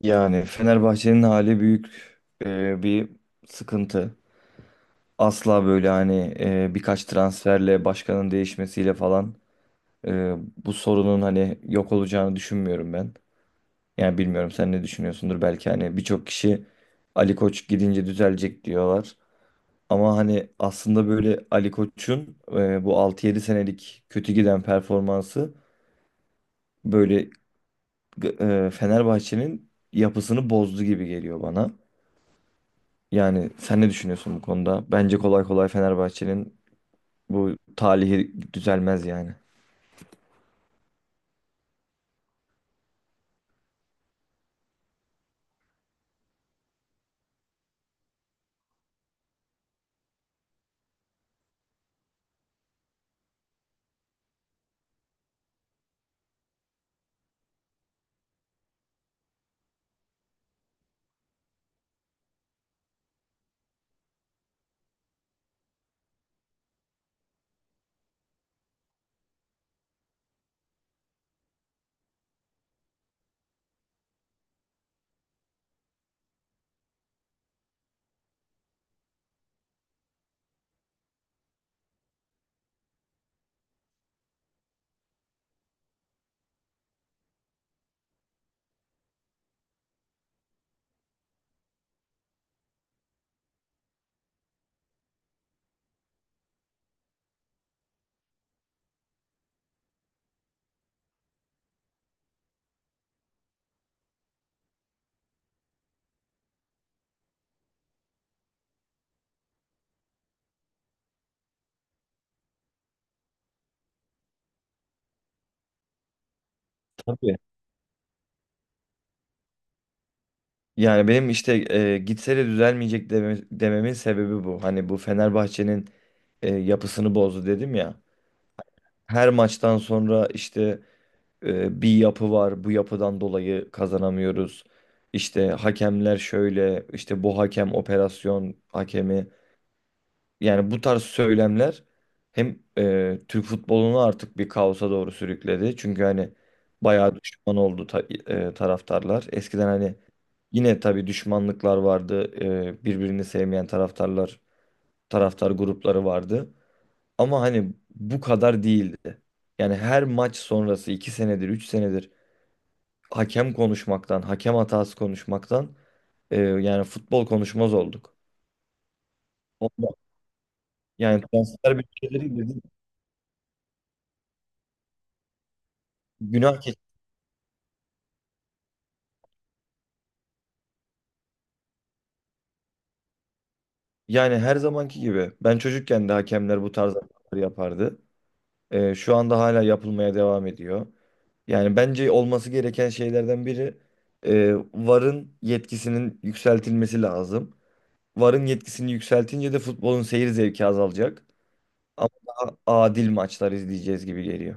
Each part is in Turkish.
Yani Fenerbahçe'nin hali büyük bir sıkıntı. Asla böyle hani birkaç transferle başkanın değişmesiyle falan e, bu sorunun hani yok olacağını düşünmüyorum ben. Yani bilmiyorum sen ne düşünüyorsundur, belki hani birçok kişi Ali Koç gidince düzelecek diyorlar. Ama hani aslında böyle Ali Koç'un bu altı yedi senelik kötü giden performansı böyle Fenerbahçe'nin yapısını bozdu gibi geliyor bana. Yani sen ne düşünüyorsun bu konuda? Bence kolay kolay Fenerbahçe'nin bu talihi düzelmez yani. Tabii. Yani benim işte gitse de düzelmeyecek dememin sebebi bu. Hani bu Fenerbahçe'nin yapısını bozdu dedim ya. Her maçtan sonra işte bir yapı var. Bu yapıdan dolayı kazanamıyoruz. İşte hakemler şöyle, işte bu hakem operasyon hakemi. Yani bu tarz söylemler hem Türk futbolunu artık bir kaosa doğru sürükledi. Çünkü hani bayağı düşman oldu taraftarlar. Eskiden hani yine tabii düşmanlıklar vardı. Birbirini sevmeyen taraftarlar, taraftar grupları vardı. Ama hani bu kadar değildi. Yani her maç sonrası 2 senedir, 3 senedir hakem konuşmaktan, hakem hatası konuşmaktan yani futbol konuşmaz olduk. Ondan- Yani transfer bütçeleri günah. Yani her zamanki gibi. Ben çocukken de hakemler bu tarz hatalar yapardı. Şu anda hala yapılmaya devam ediyor. Yani bence olması gereken şeylerden biri VAR'ın yetkisinin yükseltilmesi lazım. VAR'ın yetkisini yükseltince de futbolun seyir zevki azalacak. Ama daha adil maçlar izleyeceğiz gibi geliyor.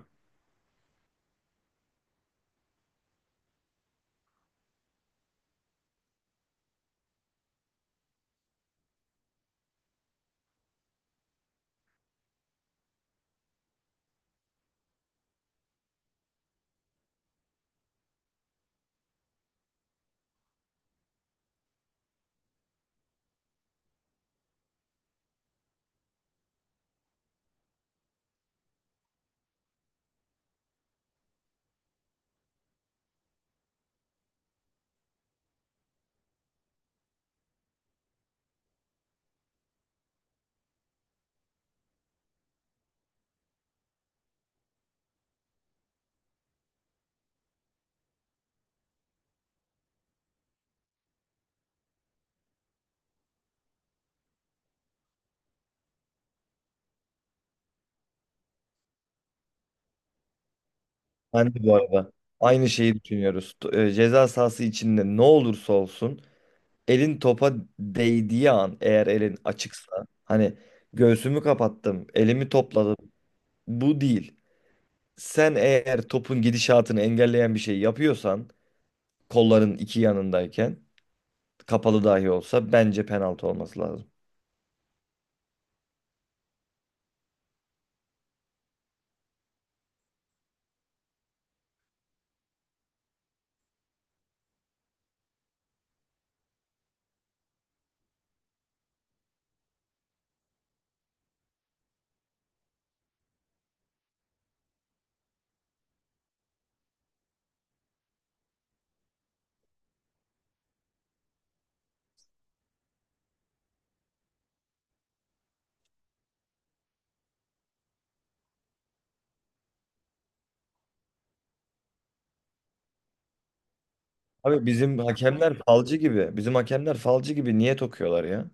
Ben de bu arada aynı şeyi düşünüyoruz. Ceza sahası içinde ne olursa olsun elin topa değdiği an, eğer elin açıksa hani göğsümü kapattım, elimi topladım. Bu değil. Sen eğer topun gidişatını engelleyen bir şey yapıyorsan, kolların iki yanındayken kapalı dahi olsa bence penaltı olması lazım. Abi bizim hakemler falcı gibi. Bizim hakemler falcı gibi niye tokuyorlar ya?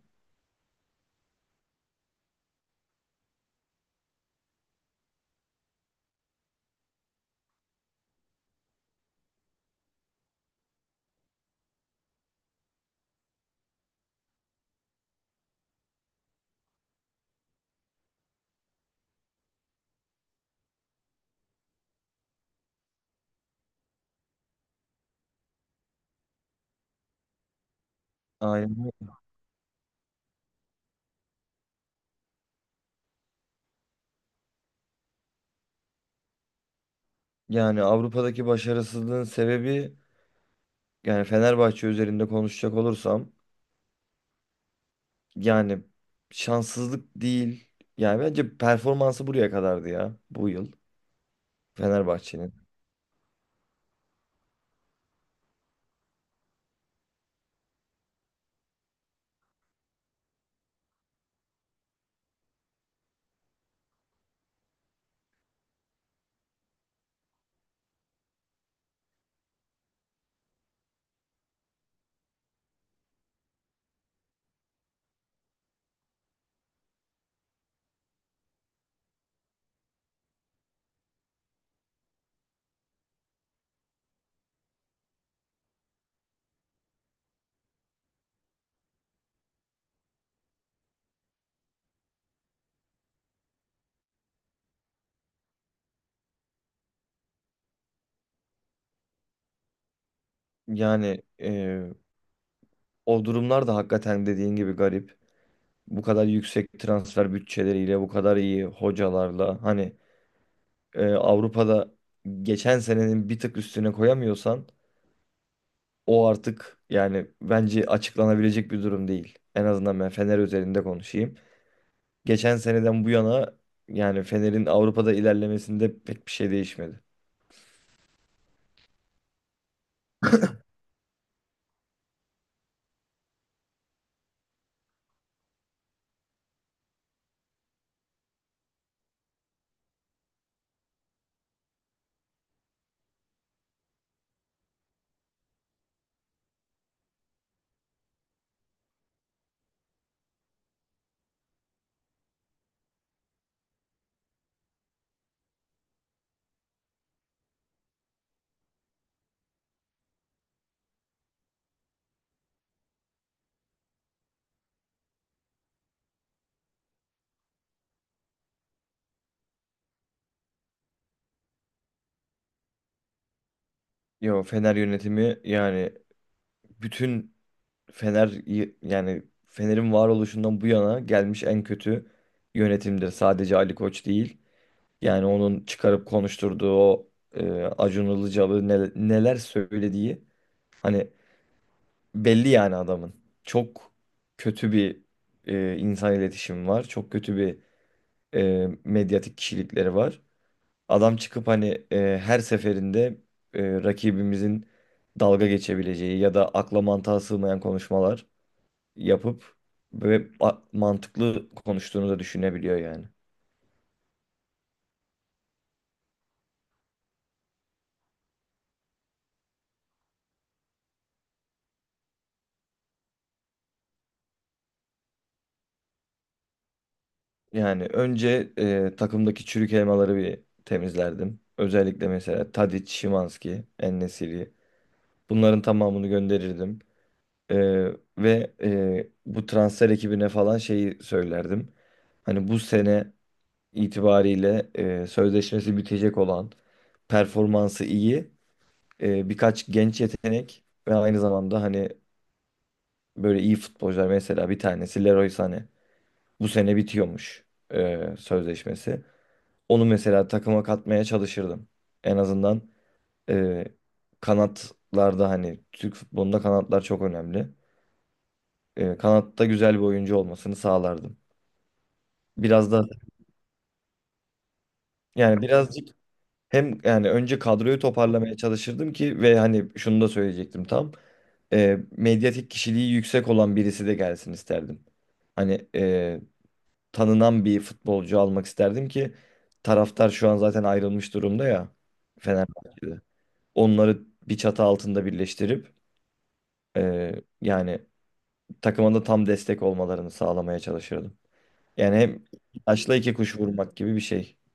Aynen. Yani Avrupa'daki başarısızlığın sebebi, yani Fenerbahçe üzerinde konuşacak olursam, yani şanssızlık değil. Yani bence performansı buraya kadardı ya bu yıl Fenerbahçe'nin. Yani o durumlar da hakikaten dediğin gibi garip. Bu kadar yüksek transfer bütçeleriyle, bu kadar iyi hocalarla hani Avrupa'da geçen senenin bir tık üstüne koyamıyorsan o artık yani bence açıklanabilecek bir durum değil. En azından ben Fener üzerinde konuşayım. Geçen seneden bu yana yani Fener'in Avrupa'da ilerlemesinde pek bir şey değişmedi. Yo, Fener yönetimi yani bütün Fener yani Fener'in varoluşundan bu yana gelmiş en kötü yönetimdir. Sadece Ali Koç değil. Yani onun çıkarıp konuşturduğu o e, Acun Ilıcalı neler söylediği hani belli yani adamın. Çok kötü bir insan iletişimi var. Çok kötü bir medyatik kişilikleri var. Adam çıkıp hani her seferinde rakibimizin dalga geçebileceği ya da akla mantığa sığmayan konuşmalar yapıp ve mantıklı konuştuğunu da düşünebiliyor yani. Yani önce takımdaki çürük elmaları bir temizlerdim. Özellikle mesela Tadic, Szymański en, bunların tamamını gönderirdim. Ee, Ve bu transfer ekibine falan şeyi söylerdim. Hani bu sene itibariyle sözleşmesi bitecek olan, performansı iyi, birkaç genç yetenek ve aynı zamanda hani böyle iyi futbolcular, mesela bir tanesi Leroy Sané. Bu sene bitiyormuş sözleşmesi. Onu mesela takıma katmaya çalışırdım. En azından e, kanatlarda hani Türk futbolunda kanatlar çok önemli. Kanatta güzel bir oyuncu olmasını sağlardım. Biraz da yani birazcık hem yani önce kadroyu toparlamaya çalışırdım ki, ve hani şunu da söyleyecektim tam. Medyatik kişiliği yüksek olan birisi de gelsin isterdim. Hani tanınan bir futbolcu almak isterdim ki taraftar şu an zaten ayrılmış durumda ya Fenerbahçe'de. Onları bir çatı altında birleştirip e, yani takıma da tam destek olmalarını sağlamaya çalışırdım. Yani hem iki taşla iki kuş vurmak gibi bir şey. Tabii